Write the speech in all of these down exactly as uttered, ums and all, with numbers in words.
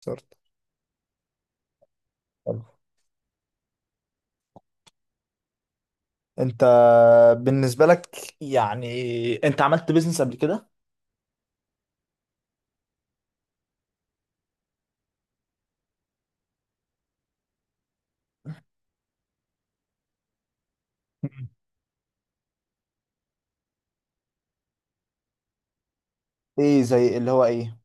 صرت حلو. انت بالنسبة لك، يعني انت عملت بيزنس قبل كده؟ مم. ايه زي اللي هو ايه؟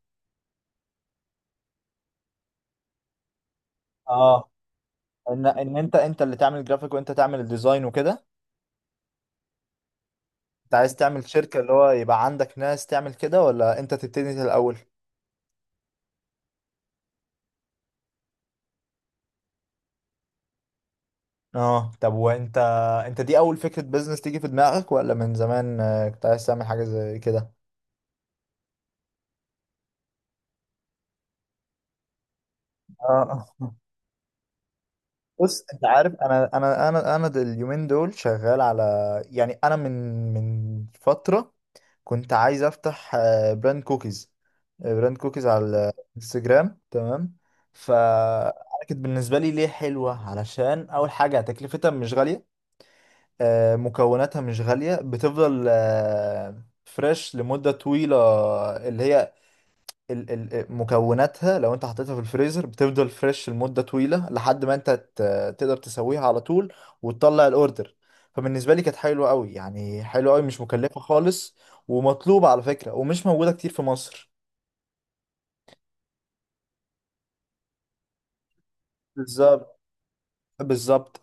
اه. ان ان انت انت اللي تعمل جرافيك وانت تعمل الديزاين وكده. انت عايز تعمل شركة اللي هو يبقى عندك ناس تعمل كده ولا انت تبتدي انت الاول؟ اه، طب وانت، انت دي اول فكرة بيزنس تيجي في دماغك ولا من زمان آه، كنت عايز تعمل حاجة زي كده؟ اه، بص انت عارف، انا انا انا انا د- اليومين دول شغال على، يعني انا من من فترة كنت عايز افتح آه، براند كوكيز، آه، براند كوكيز على الانستجرام، تمام. ف كانت بالنسبه لي ليه حلوه، علشان اول حاجه تكلفتها مش غاليه، آه، مكوناتها مش غاليه، بتفضل فريش لمده طويله، اللي هي ال- ال- مكوناتها لو انت حطيتها في الفريزر بتفضل فريش لمدة طويلة لحد ما انت ت- تقدر تسويها على طول وتطلع الاوردر. فبالنسبة لي كانت حلوة قوي، يعني حلوة قوي مش مكلفة خالص، ومطلوبة على فكرة، ومش موجودة كتير في مصر. بالظبط، بالظبط.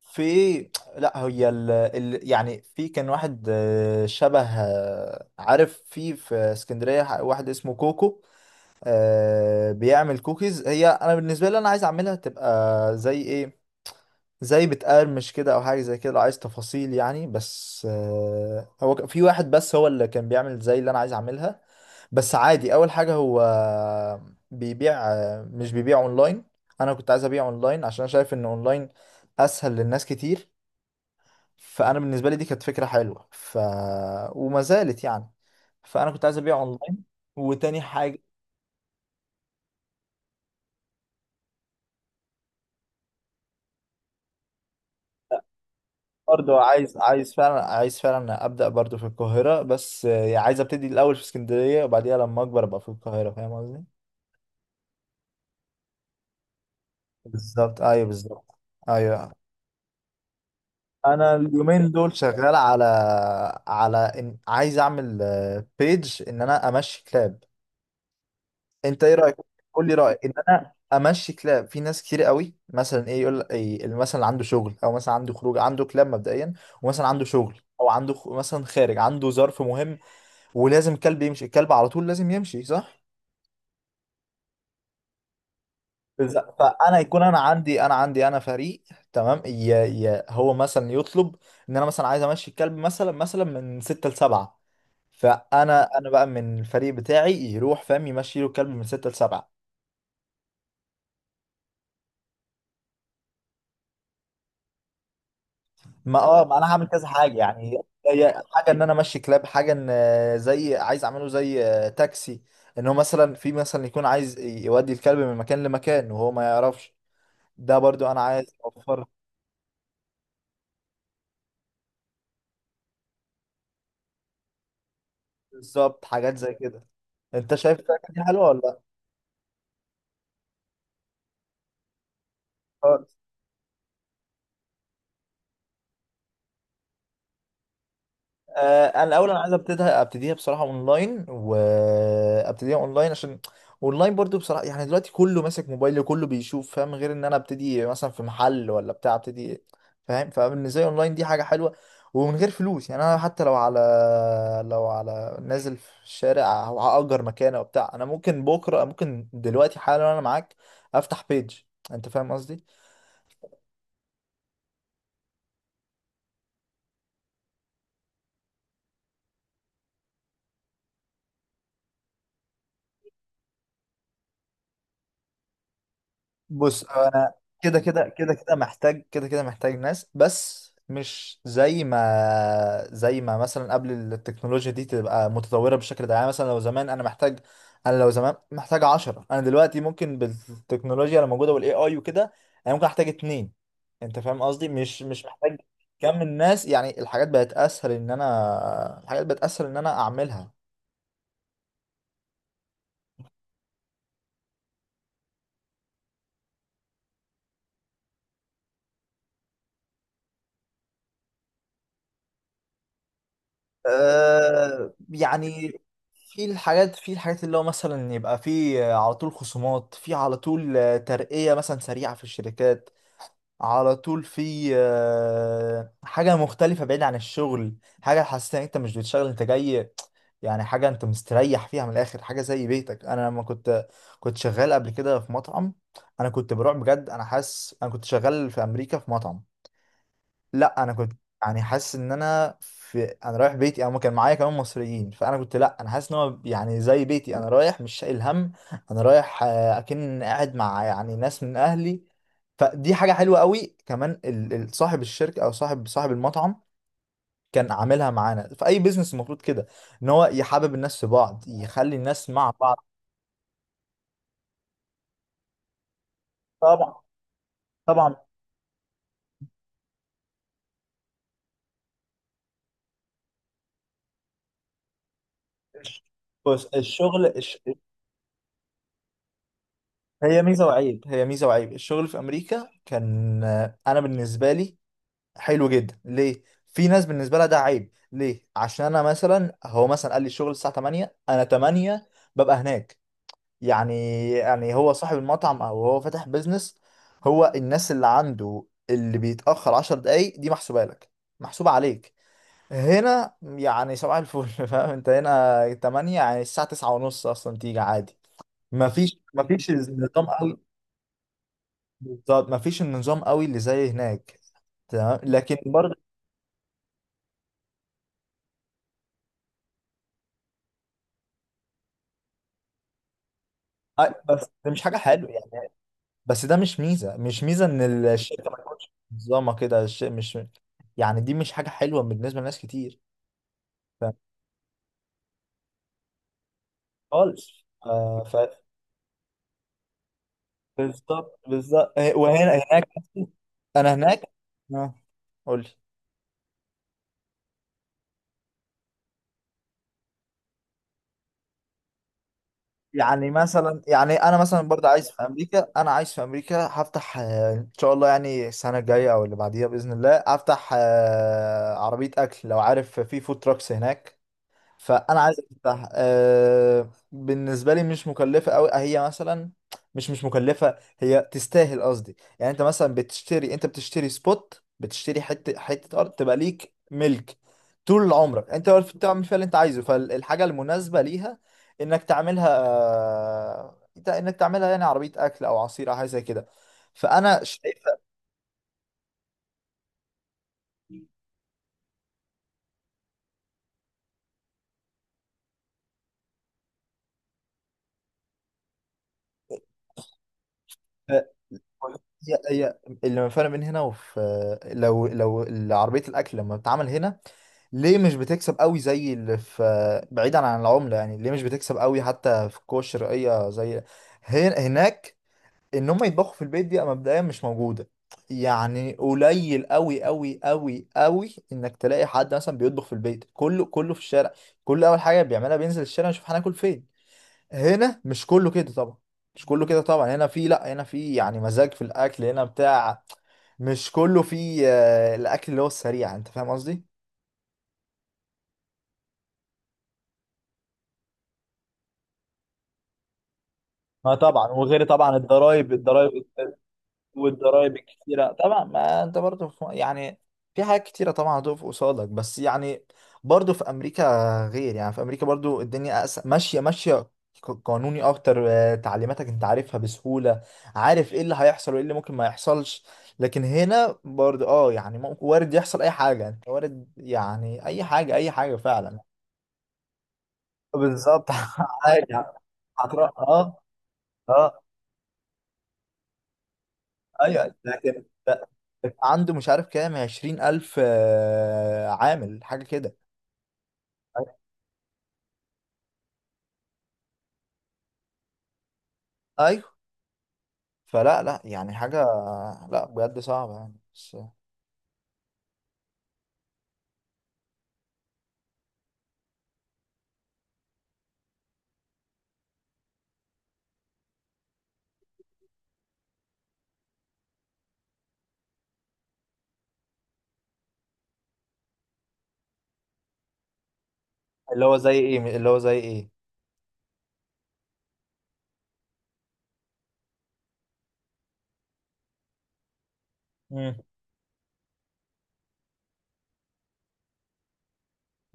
في لا، هي ال... ال... يعني في كان واحد، آه، شبه، آه، عارف، في في اسكندرية ح- واحد اسمه كوكو، آه، بيعمل كوكيز. هي انا بالنسبه لي انا عايز اعملها تبقى زي ايه؟ زي بتقرمش كده او حاجه زي كده، لو عايز تفاصيل يعني. بس آه، هو ك- في واحد بس هو اللي كان بيعمل زي اللي انا عايز اعملها. بس عادي، اول حاجه هو بيبيع، آه، مش بيبيع اونلاين. انا كنت عايز ابيع اونلاين، عشان أنا شايف ان اونلاين اسهل للناس كتير. فانا بالنسبه لي دي كانت فكره حلوه، ف وما زالت يعني. فانا كنت عايز ابيع اونلاين. وتاني حاجه، برضه عايز عايز فعلا، عايز فعلا ابدا برضه في القاهره، بس آه، عايز ابتدي الاول في اسكندريه، وبعديها لما اكبر ابقى في القاهره، فاهم قصدي. بالظبط، ايوه بالظبط. ايوه، انا اليومين دول شغال على، على إن عايز اعمل بيج ان انا امشي كلاب. انت ايه رايك؟ قول لي رايك ان انا امشي كلاب. في ناس كتير قوي، مثلا ايه يقول إيه؟ مثلا اللي عنده شغل او مثلا عنده خروج، عنده كلاب مبدئيا، ومثلا عنده شغل او عنده خ- مثلا خارج، عنده ظرف مهم، ولازم الكلب يمشي. الكلب على طول لازم يمشي، صح؟ بز- فانا يكون انا عندي، انا عندي انا فريق تمام، يا يا هو مثلا يطلب ان انا مثلا عايز امشي الكلب، مثلا مثلا من ستة لسبعة، فانا انا بقى من الفريق بتاعي يروح، فاهم، يمشي له الكلب من ستة لسبعة. ما اه ما انا هعمل كذا حاجة يعني. هي حاجة ان انا امشي كلاب، حاجة ان آه، زي عايز اعمله زي آه، تاكسي، ان هو مثلا في مثلا يكون عايز يودي الكلب من مكان لمكان وهو ما يعرفش، ده برضو انا عايز اوفر. بالظبط، حاجات زي كده. انت شايف الحاجات دي حلوه ولا لا؟ خالص آه انا الاول انا عايز ابتديها ابتديها بصراحه اونلاين وابتديها اونلاين عشان اونلاين برضو بصراحه يعني دلوقتي كله ماسك موبايل كله بيشوف فاهم غير ان انا ابتدي مثلا في محل ولا بتاع ابتدي فاهم فبالنسبه لي اونلاين دي حاجه حلوه ومن غير فلوس يعني انا حتى لو على لو على نازل في الشارع او هاجر مكان او بتاع انا ممكن بكره ممكن دلوقتي حالا انا معاك افتح بيج انت فاهم قصدي بص انا كده كده كده كده محتاج كده كده محتاج ناس بس مش زي ما زي ما مثلا قبل التكنولوجيا دي تبقى متطورة بالشكل ده يعني مثلا لو زمان انا محتاج انا لو زمان محتاج عشرة انا دلوقتي ممكن بالتكنولوجيا اللي موجودة والاي اي وكده انا ممكن احتاج اتنين انت فاهم قصدي مش مش محتاج كم الناس يعني الحاجات بقت اسهل ان انا الحاجات بقت اسهل ان انا اعملها آه يعني في الحاجات في الحاجات اللي هو مثلا يبقى في على طول خصومات في على طول آه، ترقية مثلا سريعة في الشركات على طول في آه، حاجة مختلفة بعيد عن الشغل حاجة حاسس ان انت مش بتشتغل انت جاي يعني حاجة انت مستريح فيها من الاخر حاجة زي بيتك انا لما كنت كنت شغال قبل كده في مطعم انا كنت بروح بجد انا حاسس انا كنت شغال في امريكا في مطعم لا انا كنت يعني حاسس ان انا في انا رايح بيتي او كان معايا كمان مصريين فانا كنت لا انا حاسس ان هو يعني زي بيتي انا رايح مش شايل هم انا رايح آه، اكن قاعد مع يعني ناس من اهلي فدي حاجه حلوه قوي كمان ال- ال- صاحب الشركه او صاحب صاحب المطعم كان عاملها معانا في اي بيزنس المفروض كده ان هو يحبب الناس في بعض يخلي الناس مع بعض طبعا طبعا بص الشغل الش... هي ميزه وعيب هي ميزه وعيب الشغل في امريكا كان آه، انا بالنسبه لي حلو جدا ليه في ناس بالنسبه لها ده عيب ليه عشان انا مثلا هو مثلا قال لي الشغل الساعه تمانية انا تمانية ببقى هناك يعني يعني هو صاحب المطعم او هو فاتح بيزنس هو الناس اللي عنده اللي بيتاخر عشر دقايق دي محسوبه لك محسوبه عليك هنا يعني صباح الفل فاهم انت هنا تمانية يعني الساعه تسعة ونص اصلا تيجي عادي مفيش مفيش النظام قوي بالظبط مفيش النظام قوي اللي زي هناك تمام لكن أي- بس ده مش حاجة حلوة يعني بس ده مش ميزة مش ميزة إن الشركة ما تكونش منظمة كده الشيء مش يعني دي مش حاجة حلوة بالنسبة لناس كتير ف- خالص آه. ف بالظبط بالظبط، وهنا هناك، أنا هناك آه. قول لي. يعني مثلا، يعني أنا مثلا برضه عايز في أمريكا، أنا عايز في أمريكا هفتح، آه، إن شاء الله يعني السنة الجاية أو اللي بعديها بإذن الله، أفتح آه، عربية أكل، لو عارف في فود تراكس هناك. فانا عايز افتح أه، بالنسبه لي مش مكلفه قوي هي مثلا، مش مش مكلفه، هي تستاهل قصدي. يعني انت مثلا بتشتري، انت بتشتري سبوت، بتشتري حته، حته ارض تبقى ليك ملك طول عمرك، انت عارف تعمل فيها اللي انت عايزه، فالحاجه المناسبه ليها انك تعملها، آه، انك تعملها يعني عربيه اكل او عصير او حاجه زي كده. فانا شايف هي هي اللي فرق بين هنا وفي، لو لو عربية الأكل لما بتتعمل هنا ليه مش بتكسب قوي زي اللي في، بعيدا عن العملة، يعني ليه مش بتكسب قوي حتى في الكوش الشرقية زي هن- هناك. إن هم يطبخوا في البيت، دي مبدئيا مش موجودة، يعني قليل قوي قوي قوي قوي إنك تلاقي حد مثلا بيطبخ في البيت. كله كله في الشارع، كله أول حاجة بيعملها بينزل الشارع يشوف هناكل فين. هنا مش كله كده طبعا، مش كله كده طبعا. هنا في، لا هنا في يعني مزاج في الاكل هنا بتاع، مش كله في آه، الاكل اللي هو السريع، انت فاهم قصدي. اه طبعا، وغير طبعا الضرايب، الضرايب والضرايب الكتيرة طبعا، ما انت برضو في يعني في حاجات كتيرة طبعا هتقف قصادك، بس يعني برضو في امريكا، غير يعني في امريكا برضو الدنيا أس... ماشية ماشية، ق- قانوني اكتر، آه، تعليماتك انت عارفها بسهولة، عارف ايه اللي هيحصل وايه اللي ممكن ما يحصلش. لكن هنا برضو اه يعني ممكن وارد يحصل اي حاجة، انت وارد يعني اي حاجة، اي حاجة فعلا. بالظبط. حاجة هتروح اه. اه، ايوه، لكن ده عنده مش عارف كام، عشرين ألف آه، عامل حاجة كده. أيوه. فلا لا، يعني حاجة لا بجد صعبة يعني، بس اللي هو زي إيه؟ اللي هو زي إيه؟ امم،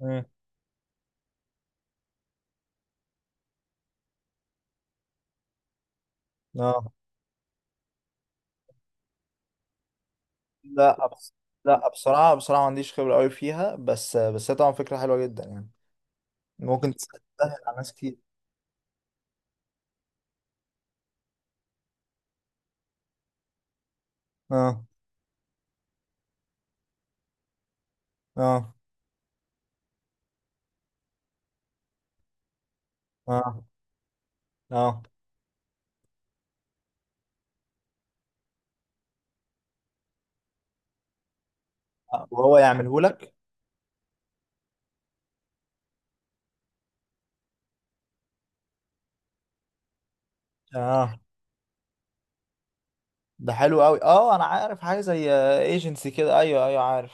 امم. اه، لا بس، لا بصراحة، بصراحة ما عنديش خبرة قوي فيها، بس بس هي طبعا فكرة حلوة جدا يعني، ممكن تسهل على ناس كتير. اه، اه، اه، اه، وهو يعمله لك، اه. ده حلو قوي، اه انا عارف حاجة زي ايجنسي كده، ايوه ايوه عارف.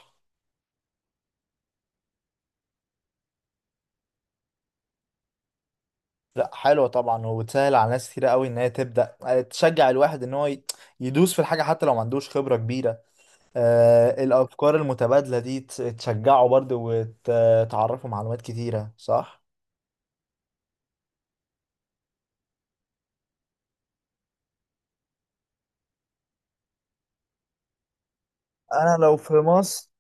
لا حلوة طبعا، وبتسهل على ناس كتير قوي ان هي تبدأ، آه، تشجع الواحد ان هو ي- يدوس في الحاجة حتى لو ما عندوش خبرة كبيرة. آه، الأفكار المتبادلة دي تس- تشجعه برضه وتعرفه معلومات كتيرة، صح؟ انا لو في مصر،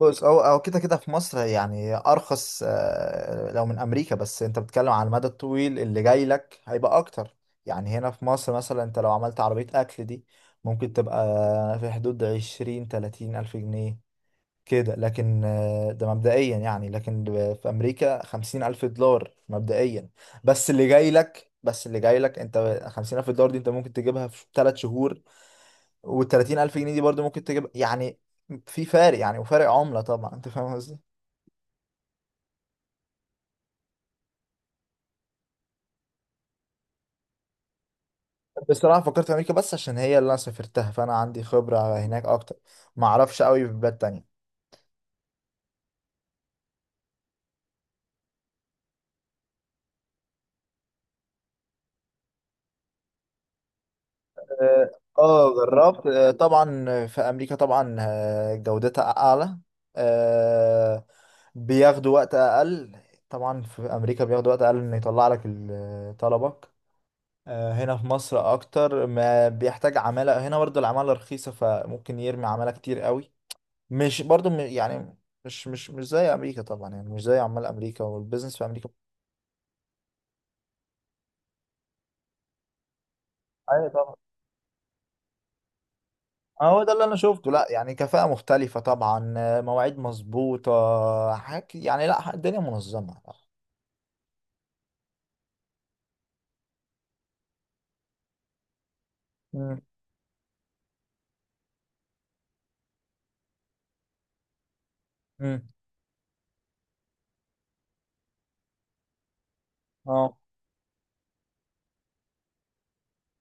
بص، او او كده كده في مصر يعني ارخص، آه، لو من امريكا، بس انت بتتكلم على المدى الطويل، اللي جاي لك هيبقى اكتر. يعني هنا في مصر مثلا انت لو عملت عربية اكل دي ممكن تبقى في حدود عشرين تلاتين الف جنيه كده، لكن آه، ده مبدئيا يعني. لكن ب- في أمريكا خمسين ألف دولار مبدئيا، بس اللي جاي لك، بس اللي جاي لك أنت خمسين ألف دولار دي أنت ممكن تجيبها في ثلاث شهور، والتلاتين ألف جنيه دي برضه ممكن تجيب يعني. في فارق يعني، وفارق عملة طبعا، أنت فاهم قصدي. بصراحة فكرت في أمريكا بس عشان هي اللي أنا سافرتها فأنا عندي خبرة هناك أكتر، ما أعرفش قوي في بلاد تانية. اه، آه، جربت، آه، طبعا في امريكا طبعا، آه، جودتها اعلى، آه، بياخدوا وقت اقل. طبعا في امريكا بياخدوا وقت اقل ان يطلع لك ال- طلبك. آه، هنا في مصر اكتر ما بيحتاج عمالة، هنا برضه العمالة رخيصة، فممكن يرمي عمالة كتير قوي. مش برضه م- يعني مش مش مش زي امريكا طبعا، يعني مش زي عمال امريكا والبيزنس في امريكا. ايوه طبعا، آه، هو ده اللي انا شفته. لا يعني كفاءة مختلفة طبعا، آه، مواعيد مظبوطة، حاجة يعني، لا الدنيا منظمة. مم. مم. اه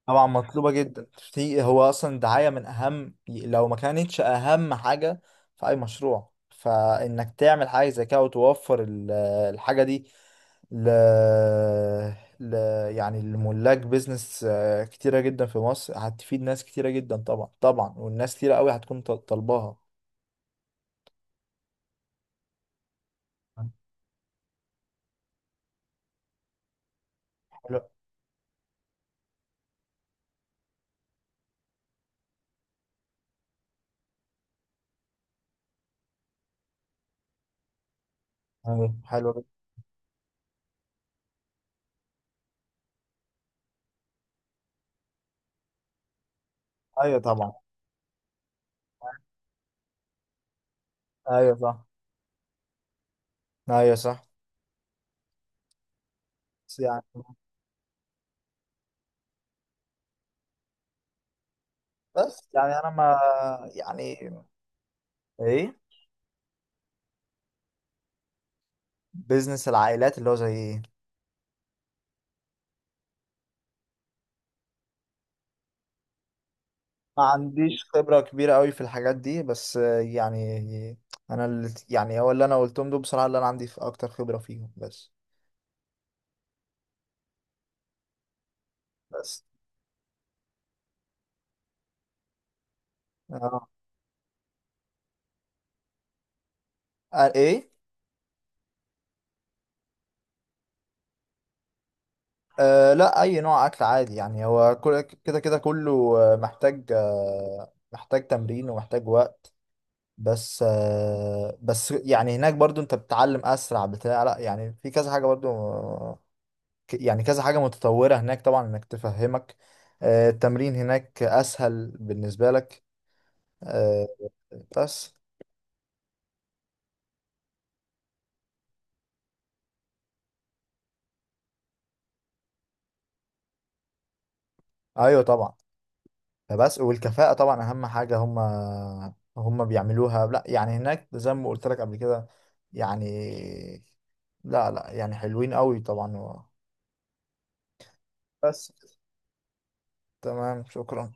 طبعا مطلوبة جدا، في هو اصلا الدعاية من اهم لو ما كانتش اهم حاجة في اي مشروع، فانك تعمل حاجة زي كده وتوفر ال- الحاجة دي ل... ل... يعني الملاك بيزنس آه، كتيرة جدا في مصر، هتفيد ناس كتيرة جدا طبعا طبعا، والناس كتيرة قوي هتكون طل- طالباها. ايوه حلو جدا. ايوه طبعا. ايوه صح. ايوه صح. بس يعني، بس يعني انا ما، يعني ايه بيزنس العائلات اللي هو زي ايه؟ ما عنديش خبرة كبيرة قوي في الحاجات دي، بس آه، يعني انا اللي يعني هو اللي انا قلتهم دول بصراحة، اللي انا عندي في اكتر خبرة فيهم بس. بس آه. آه ايه. آه لا، اي نوع اكل عادي يعني، هو كل- كده كده كله آه، محتاج آه، محتاج تمرين ومحتاج وقت. بس آه، بس يعني هناك برضو انت بتتعلم اسرع بتاع، لا يعني في كذا حاجه برضو آه، ك- يعني كذا حاجه متطوره هناك طبعا، انك تفهمك آه، التمرين هناك اسهل بالنسبه لك، آه، بس ايوه طبعا. فبس، والكفاءه طبعا اهم حاجه هم هم بيعملوها. لا يعني هناك زي ما قلت لك قبل كده، يعني لا لا، يعني حلوين قوي طبعا، بس تمام شكرا.